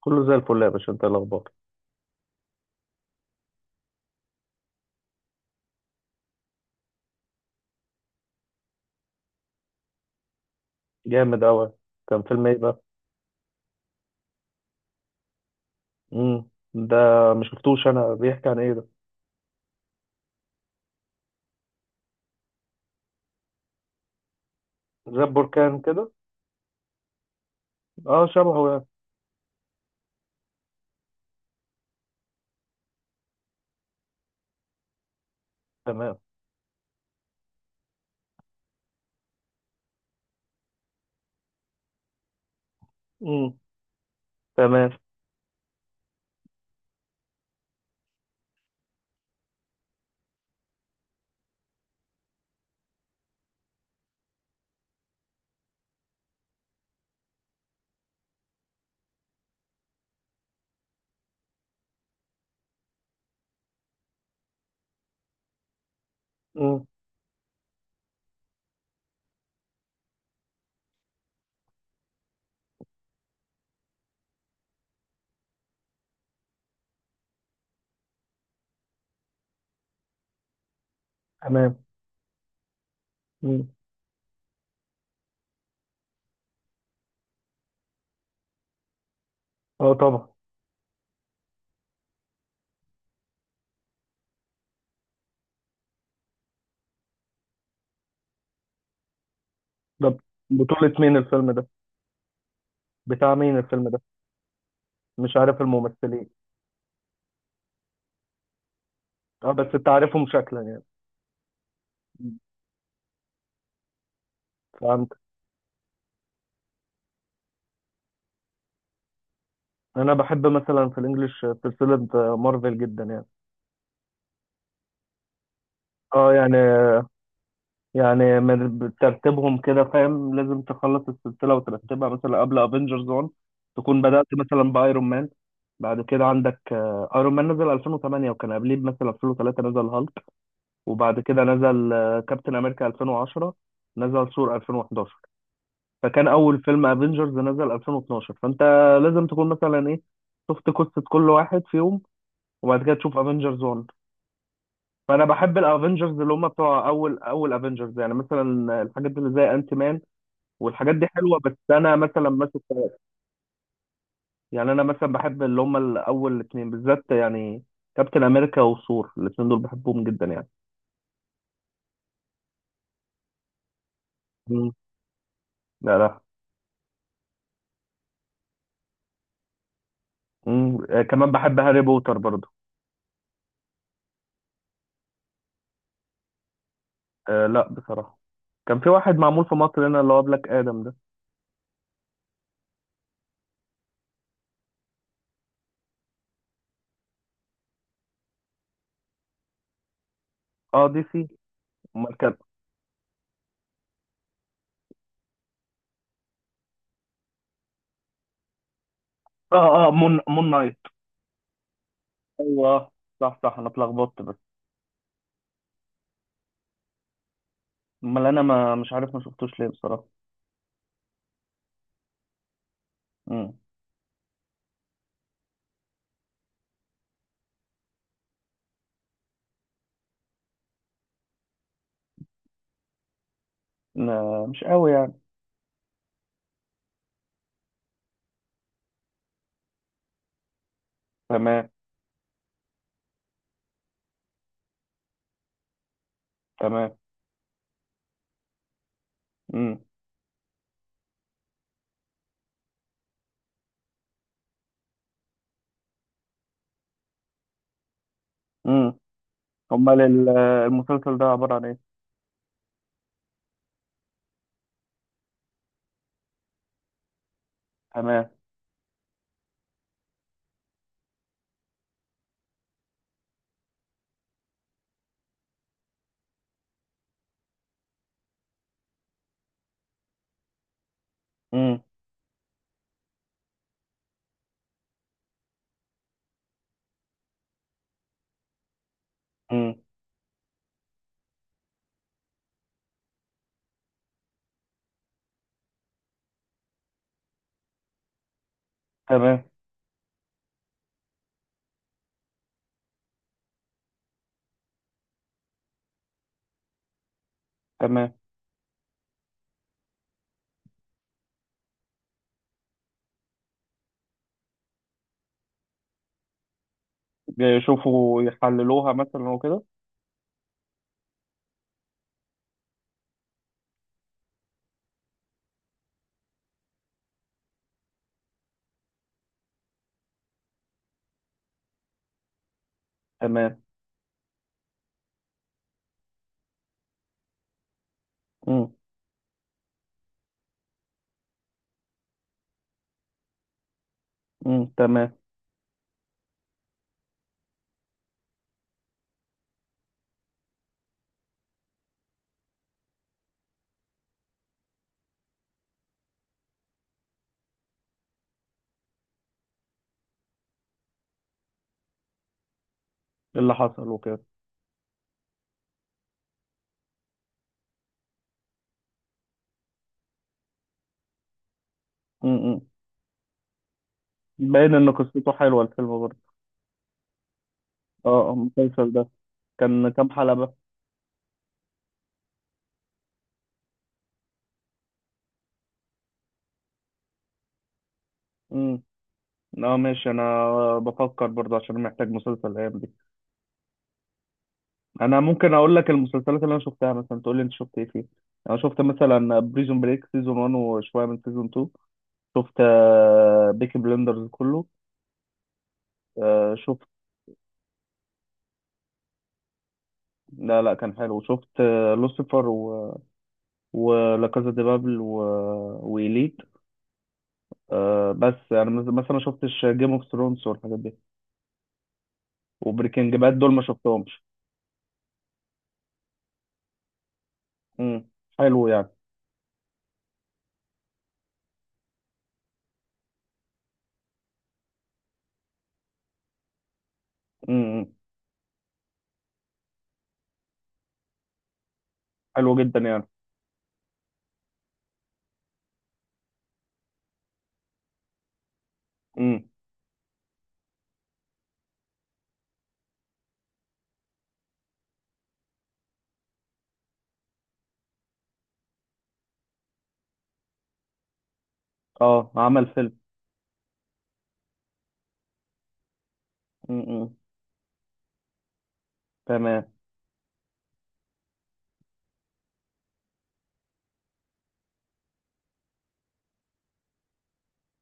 كله زي الفل يا باشا، انت ايه الاخبار؟ جامد قوي. كان فيلم ايه بقى؟ ده، ما شفتوش. انا بيحكي عن ايه ده؟ زي البركان كده؟ اه، شبهه يعني. تمام. امم. تمام. امم. تمام. امم. اه، طبعا. ده بطولة مين الفيلم ده؟ بتاع مين الفيلم ده؟ مش عارف الممثلين. اه، بس انت عارفهم شكلا يعني. مم. فهمت. انا بحب مثلا في الانجليش سلسلة مارفل جدا يعني. اه، يعني. يعني من ترتيبهم كده فاهم، لازم تخلص السلسلة وترتبها مثلا قبل افنجرز 1 تكون بدأت مثلا بايرون مان. بعد كده عندك ايرون مان نزل 2008، وكان قبليه مثلا 2003 نزل هالك، وبعد كده نزل كابتن امريكا 2010، نزل ثور 2011، فكان اول فيلم افنجرز نزل 2012. فانت لازم تكون مثلا ايه، شفت قصة كل واحد فيهم وبعد كده تشوف افنجرز 1. فانا بحب الافنجرز اللي هم بتوع اول اول افنجرز، يعني مثلا الحاجات اللي زي انت مان، والحاجات دي حلوه. بس انا مثلا ماسك، يعني انا مثلا بحب اللي هم الاول اتنين بالذات يعني. كابتن امريكا وثور، الاتنين دول بحبهم جدا يعني. مم. لا، لا. مم. آه، كمان بحب هاري بوتر برضه. آه، لا بصراحه. كان في واحد معمول في مصر هنا اللي هو بلاك ادم ده. اه، دي سي. امال كان؟ اه، اه، مون نايت. ايوه، صح، صح، انا اتلخبطت بس. امال انا ما مش عارف، ما شفتوش ليه بصراحه. امم. مش قوي يعني. تمام. تمام. امم. امم. امال المسلسل ده عباره عن ايه؟ تمام. امم. امم. تمام. تمام. يشوفوا يحللوها مثلا وكده. تمام. امم. امم. تمام. إيه اللي حصل وكده؟ امم. باين ان قصته حلوه الفيلم برضه. اه، آه، المسلسل ده كان كام حلقه بقى؟ امم. اه، ماشي. انا بفكر برضه، عشان محتاج مسلسل الايام دي. انا ممكن اقول لك المسلسلات اللي انا شفتها، مثلا تقول لي انت شفت ايه فيه. انا شفت مثلا بريزون بريك سيزون 1 وشويه من سيزون 2. شفت بيكي بلندرز كله. آه، شفت. لا، لا، كان حلو. شفت، آه، لوسيفر، و ولا كازا دي بابل، و وإليت. آه، بس يعني مثلا ما شفتش جيم اوف ثرونز والحاجات دي. وبريكنج باد دول ما شفتهمش. امم. حلو يعني. امم. حلو جدا يعني. امم. اه، عمل فيلم. امم. تمام.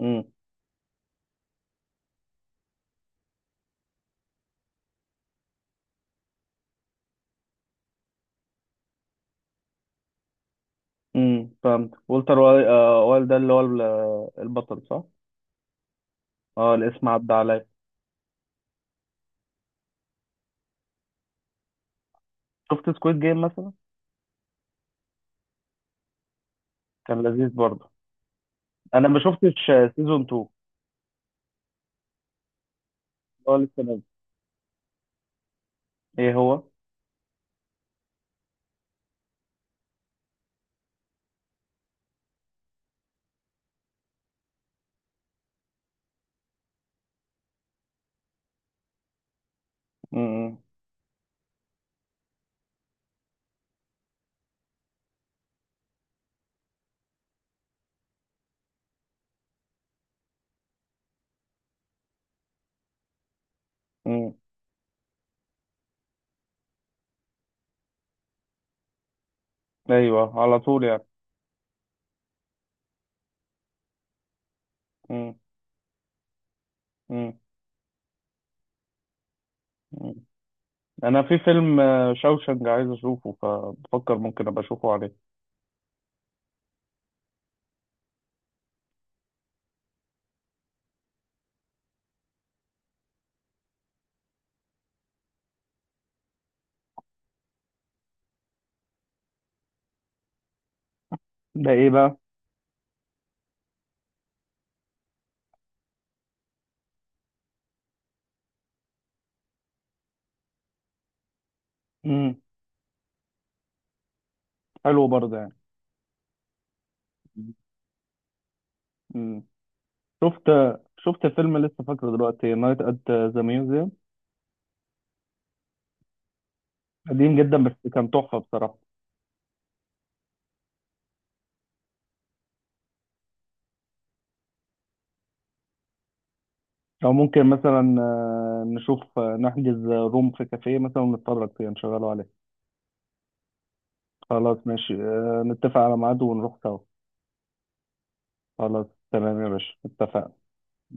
امم. امم. فهمت. والتر وايلد ده اللي هو البطل، صح؟ اه، الاسم عدى عليا. شفت سكويد جيم مثلا؟ كان لذيذ برضه. انا ما شفتش سيزون 2. اه، لسه نازل ايه هو. مم. ايوه، على طول يعني. مم. مم. مم. انا في فيلم شوشنج عايز اشوفه، فبفكر ممكن ابقى اشوفه عليه. ده ايه بقى؟ امم. حلو برضه يعني. امم. شفت شفت فيلم لسه فاكره دلوقتي نايت ات ذا ميوزيوم. قديم جدا بس كان تحفه بصراحه. او ممكن مثلا، نشوف، نحجز روم في كافيه مثلا ونتفرج فيه، نشغله عليه. خلاص ماشي، نتفق على ميعاد ونروح سوا. خلاص. تمام يا باشا، اتفقنا.